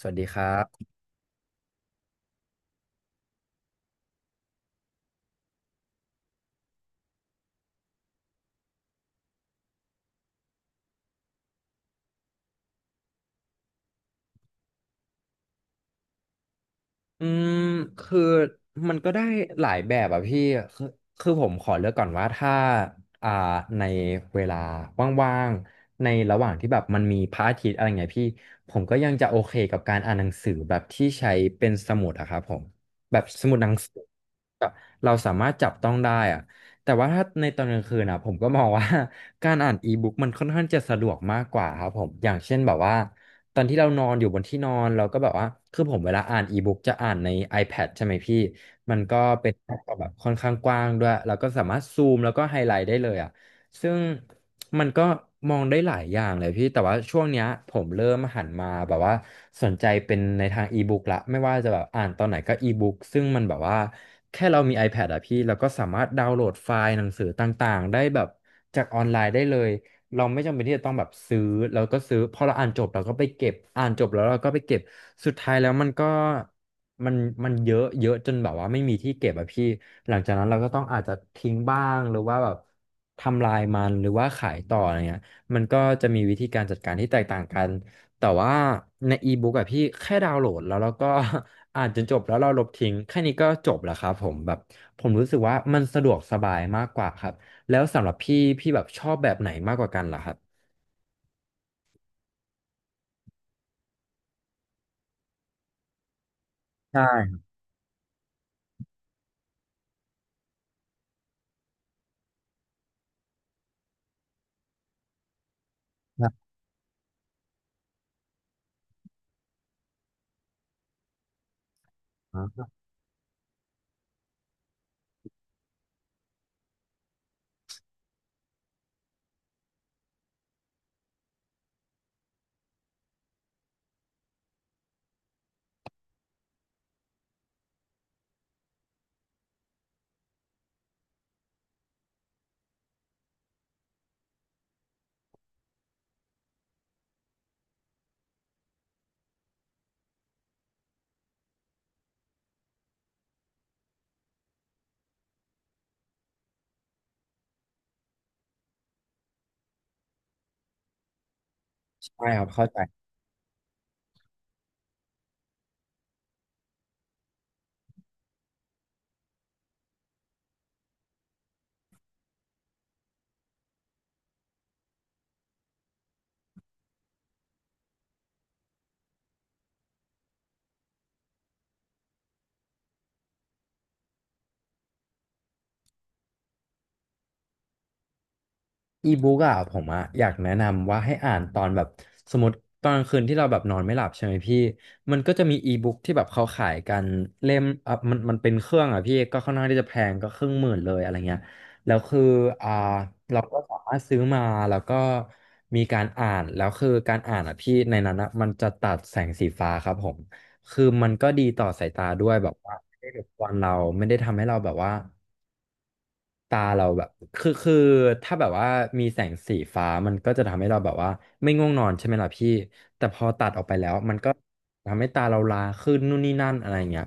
สวัสดีครับอืมคือมันก็ได้หลายแบบอ่ะพี่คือคือผมขอเลือกก่อนว่าถ้าอ่าในเวลาว่างๆ ในระหว่างที่แบบมันมีพระอาทิตย์อะไรเงี้ยพี่ผมก็ยังจะโอเคกับการอ่านหนังสือแบบที่ใช้เป็นสมุดอะครับผมแบบสมุดหนังสือแบบเราสามารถจับต้องได้อะแต่ว่าถ้าในตอนกลางคืนอะผมก็มองว่า การอ่านอีบุ๊กมันค่อนข้างจะสะดวกมากกว่าครับผมอย่างเช่นแบบว่า ตอนที่เรานอนอยู่บนที่นอนเราก็แบบว่าคือผมเวลาอ่านอีบุ๊กจะอ่านใน iPad ใช่ไหมพี่มันก็เป็นแอปแบบค่อนข้างกว้างด้วยเราก็สามารถซูมแล้วก็ไฮไลท์ได้เลยอ่ะซึ่งมันก็มองได้หลายอย่างเลยพี่แต่ว่าช่วงเนี้ยผมเริ่มหันมาแบบว่าสนใจเป็นในทางอีบุ๊กละไม่ว่าจะแบบอ่านตอนไหนก็อีบุ๊กซึ่งมันแบบว่าแค่เรามี iPad อะพี่เราก็สามารถดาวน์โหลดไฟล์หนังสือต่างๆได้แบบจากออนไลน์ได้เลย เราไม่จำเป็นที่จะต้องแบบซื้อแล้วก็ซื้อพอเราอ่านจบเราก็ไปเก็บอ่านจบแล้วเราก็ไปเก็บสุดท้ายแล้วมันก็มันมันเยอะเยอะจนแบบว่าไม่มีที่เก็บอะพี่หลังจากนั้นเราก็ต้องอาจจะทิ้งบ้างหรือว่าแบบทำลายมันหรือว่าขายต่ออะไรเงี้ยมันก็จะมีวิธีการจัดการที่แตกต่างกันแต่ว่าในอีบุ๊กอะพี่แค่ดาวน์โหลดแล้วเราก็ อ่านจนจบแล้วเราลบทิ้งแค่นี้ก็จบแล้วครับผมแบบผมรู้สึกว่ามันสะดวกสบายมากกว่าครับ แล้วสำหรับพี่พี่แบบชอบแบบไหนมากกว่ากันเหรอครับใช่ครับใช่ครับเข้าใจ อีบุ๊กอะผมอะอยากแนะนำว่าให้อ่านตอนแบบสมมติตอนกลางคืนที่เราแบบนอนไม่หลับใช่ไหมพี่มันก็จะมีอีบุ๊กที่แบบเขาขายกันเล่มอ่ะมันเป็นเครื่องอะพี่ก็ค่อนข้างที่จะแพงก็ครึ่งหมื่นเลยอะไรเงี้ยแล้วคืออ่าเราก็สามารถซื้อมาแล้วก็มีการอ่านแล้วคือการอ่านอะพี่ในนั้นอะมันจะตัดแสงสีฟ้าครับผมคือมันก็ดีต่อสายตาด้วยแบบว่าไม่ได้รบกวนเราไม่ได้ทำให้เราแบบว่า ตาเราแบบคือถ้าแบบว่ามีแสงสีฟ้ามันก็จะทำให้เราแบบว่าไม่ง่วงนอนใช่ไหมล่ะพี่แต่พอตัดออกไปแล้วมันก็ทำให้ตาเราลาขึ้นนู่นนี่นั่นอะไรเงี้ย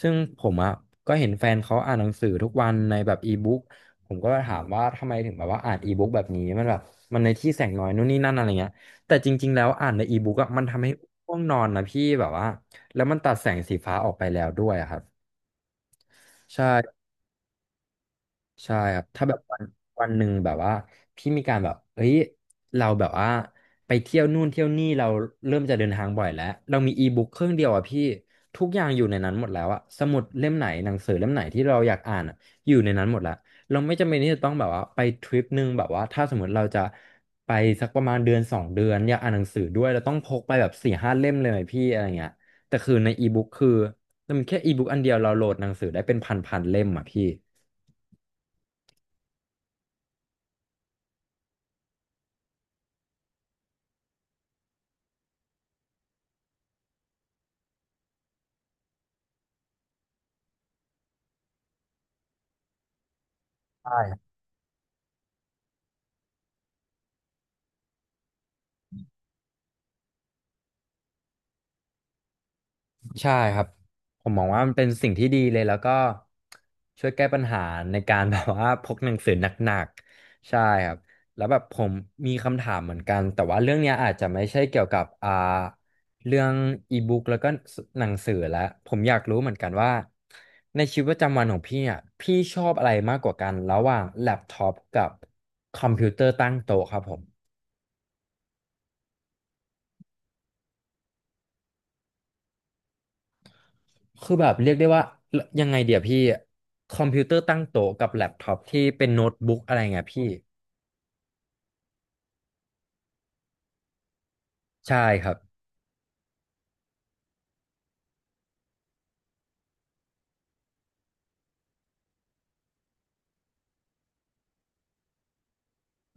ซึ่งผมอ่ะก็เห็นแฟนเขาอ่านหนังสือทุกวันในแบบอีบุ๊กผมก็ถามว่าทำไมถึงแบบว่าอ่านอีบุ๊กแบบนี้มันแบบมันในที่แสงน้อยนู่นนี่นั่นอะไรเงี้ยแต่จริงๆแล้วอ่านในอีบุ๊กอ่ะมันทำให้ง่วงนอนนะพี่แบบว่าแล้วมันตัดแสงสีฟ้าออกไปแล้วด้วยอะครับใช่ ใช่ครับถ้าแบบวันหนึ่งแบบว่าพี่มีการแบบเฮ้ยเราแบบว่าไปเที่ยวนู่นเที่ยวนี่เราเริ่มจะเดินทางบ่อยแล้วเรามีอีบุ๊กเครื่องเดียวอ่ะพี่ทุกอย่างอยู่ในนั้นหมดแล้วอะสมุดเล่มไหนหนังสือเล่มไหนที่เราอยากอ่านอะอยู่ในนั้นหมดแล้วเราไม่จำเป็นที่จะต้องแบบว่าไปทริปหนึ่งแบบว่าถ้าสมมติเราจะไปสักประมาณเดือนสองเดือนอยากอ่านหนังสือด้วยเราต้องพกไปแบบสี่ห้าเล่มเลยไหมพี่อะไรเงี้ยแต่คือในอีบุ๊กคือมันแค่อีบุ๊กอันเดียวเราโหลดหนังสือได้เป็นพันพันเล่มอ่ะพี่ ใช่ครับผมมองว่ามันเป็นสิ่งที่ดีเลยแล้วก็ช่วยแก้ปัญหาในการ แบบว่าพกหนังสือหนักๆใช่ครับแล้วแบบผมมีคำถามเหมือนกันแต่ว่าเรื่องเนี้ยอาจจะไม่ใช่เกี่ยวกับเรื่องอีบุ๊กแล้วก็หนังสือแล้วผมอยากรู้เหมือนกันว่าในชีวิตประจำวันของพี่อ่ะพี่ชอบอะไรมากกว่ากันระหว่างแล็ปท็อปกับคอมพิวเตอร์ตั้งโต๊ะครับผม คือแบบเรียกได้ว่ายังไงเดี๋ยวพี่คอมพิวเตอร์ตั้งโต๊ะกับแล็ปท็อปที่เป็นโน้ตบุ๊กอะไรเงี้ยพี่ใช่ครับ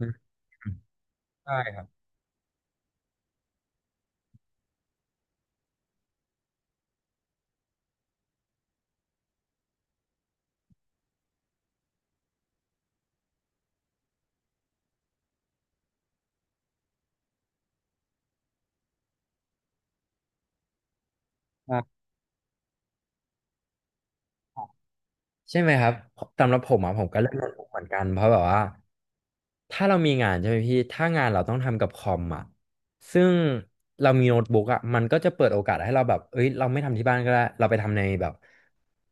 อืมใช่ครับใช่ไหมครับสำหรับผมอ่ะผมก็เล่นโน้ตบุ๊กเหมือนกันเพราะแบบว่า ถ้าเรามีงานใช่ไหมพี่ถ้างานเราต้องทำกับคอมอ่ะซึ่งเรามีโน้ตบุ๊กอ่ะมันก็จะเปิดโอกาสให้เราแบบเอ้ยเราไม่ทำที่บ้านก็ได้เราไปทำในแบบ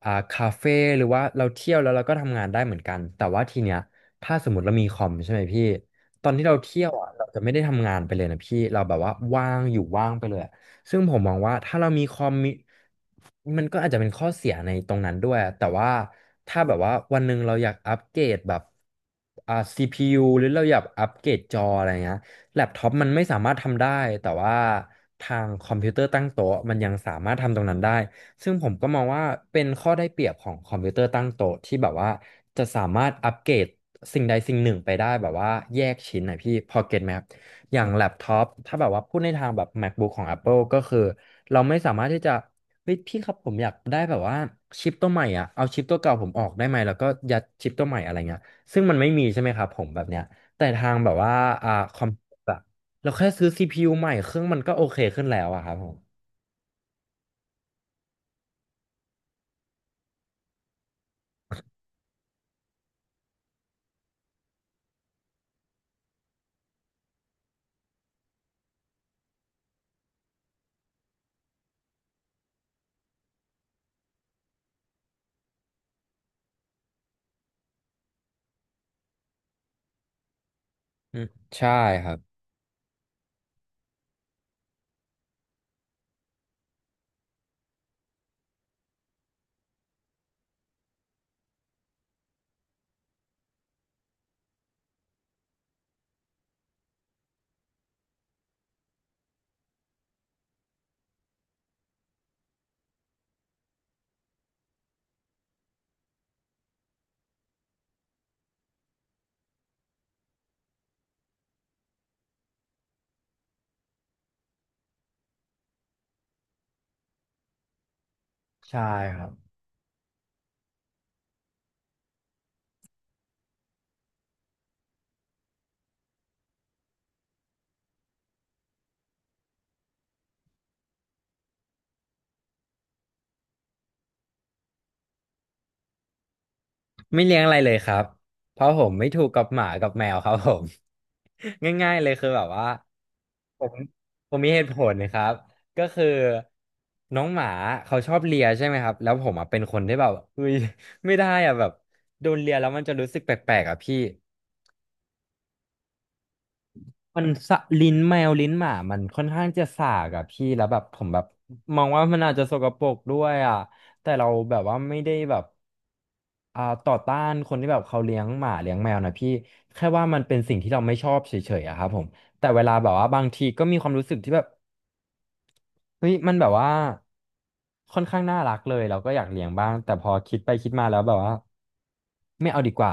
คาเฟ่หรือว่าเราเที่ยวแล้วเราก็ทำงานได้เหมือนกันแต่ว่าทีเนี้ยถ้าสมมติเรามีคอมใช่ไหมพี่ตอนที่เราเที่ยวอ่ะเราจะไม่ได้ทำงานไปเลยนะพี่เราแบบว่าว่างอยู่ว่างไปเลย ซึ่งผมมองว่าถ้าเรามีคอมมิมันก็อาจจะเป็นข้อเสียในตรงนั้นด้วยแต่ว่าถ้าแบบว่าวันหนึ่งเราอยากอัปเกรดแบบCPU หรือเราอยากอัปเกรดจออะไรเงี้ยแล็ปท็อปมันไม่สามารถทำได้แต่ว่าทางคอมพิวเตอร์ตั้งโต๊ะมันยังสามารถทำตรงนั้นได้ซึ่งผมก็มองว่าเป็นข้อได้เปรียบของคอมพิวเตอร์ตั้งโต๊ะที่แบบว่าจะสามารถอัปเกรดสิ่งใดสิ่งหนึ่งไปได้แบบว่าแยกชิ้นนะพี่พอเก็ตไหมครับ อย่างแล็ปท็อปถ้าแบบว่าพูดในทางแบบ MacBook ของ Apple ก็คือเราไม่สามารถที่จะเฮ้ยพี่ครับผมอยากได้แบบว่าชิปตัวใหม่อ่ะเอาชิปตัวเก่าผมออกได้ไหมแล้วก็ยัดชิปตัวใหม่อะไรเงี้ยซึ่งมันไม่มีใช่ไหมครับผมแบบเนี้ยแต่ทางแบบว่าคอมพิวเตอร์อะเราแค่ซื้อ CPU ใหม่เครื่องมันก็โอเคขึ้นแล้วอะครับผมอืมใช่ครับใช่ครับไม่เลี้ยงอะไรเลยครับเพราะผมไม่ถูกกับหมากับแมวครับผม ง่ายๆเลยคือแบบว่า ผมผมมีเหตุผลนะครับก็คือน้องหมาเขาชอบเลียใช่ไหมครับแล้วผมอ่ะเป็นคนที่แบบเฮ้ยไม่ได้อ่ะแบบโดนเลียแล้วมันจะรู้สึกแปลกๆอ่ะพี่มันสะลิ้นแมวลิ้นหมามันค่อนข้างจะสากอ่ะพี่แล้วแบบผมแบบมองว่ามันอาจจะสกปรกด้วยอ่ะแต่เราแบบว่าไม่ได้แบบต่อต้านคนที่แบบเขาเลี้ยงหมาเลี้ยงแมวนะพี่แค่ว่ามันเป็นสิ่งที่เราไม่ชอบเฉยๆอะครับผมแต่เวลาแบบว่าบางทีก็มีความรู้สึกที่แบบ เฮ้ยมันแบบว่าค่อนข้างน่ารักเลยเราก็อยากเลี้ยงบ้างแต่พอคิดไปคิดมาแล้วแบบว่าไม่เอาดีกว่า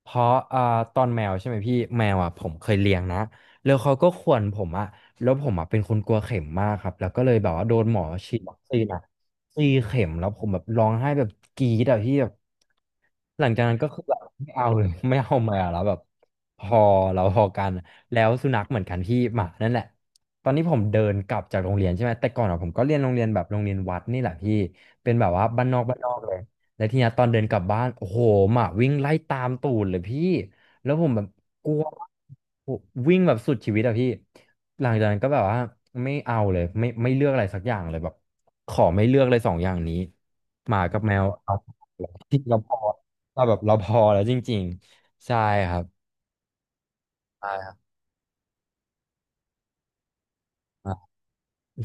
เพราะตอนแมวใช่ไหมพี่แมวอ่ะผมเคยเลี้ยงนะ แล้วเขาก็ข่วนผมอะแล้วผมอะเป็นคนกลัวเข็มมากครับแล้วก็เลยแบบว่าโดนหมอฉีดวัคซีนอะสี่เข็มแล้วผมแบบร้องไห้แบบกรี๊ดอะพี่แบบหลังจากนั้นก็คือแบบไม่เอาเลย ไม่เอามาแล้วแบบพอเราพอกันแล้วสุนัขเหมือนกันพี่หมานั่นแหละตอนนี้ผมเดินกลับจากโรงเรียนใช่ไหมแต่ก่อนอะผมก็เรียนโรงเรียนแบบโรงเรียนวัดนี่แหละพี่เป็นแบบว่าบ้านนอกบ้านนอกเลยแล้วทีเนี้ยตอนเดินกลับบ้านโอ้โหหมาวิ่งไล่ตามตูดเลยพี่แล้วผมแบบ กลัววิ่งแบบสุดชีวิตอะพี่หลังจากนั้นก็แบบว่าไม่เอาเลยไม่เลือกอะไรสักอย่างเลยแบบขอไม่เลือกเลยสองอย่างนี้หมากับแมวเอาที่เราพอเราแบบเราพอแล้วจริงๆใช่ครับ ใช่ครับอ่ะ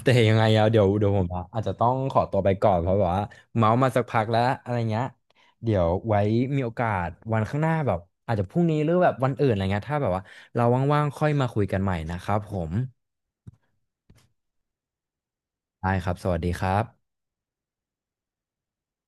แต่ยังไงอะเดี๋ยวผมอะอาจจะต้องขอตัวไปก่อนเพราะแบบว่าเมาส์มาสักพักแล้วอะไรเงี้ยเดี๋ยวไว้มีโอกาสวันข้างหน้าแบบอาจจะพรุ่งนี้หรือแบบวันอื่นอะไรเงี้ยถ้าแบบว่าเราว่างๆค่อยมาคุยกันใหม่นะครับผมได้ครับสวัสดีครับ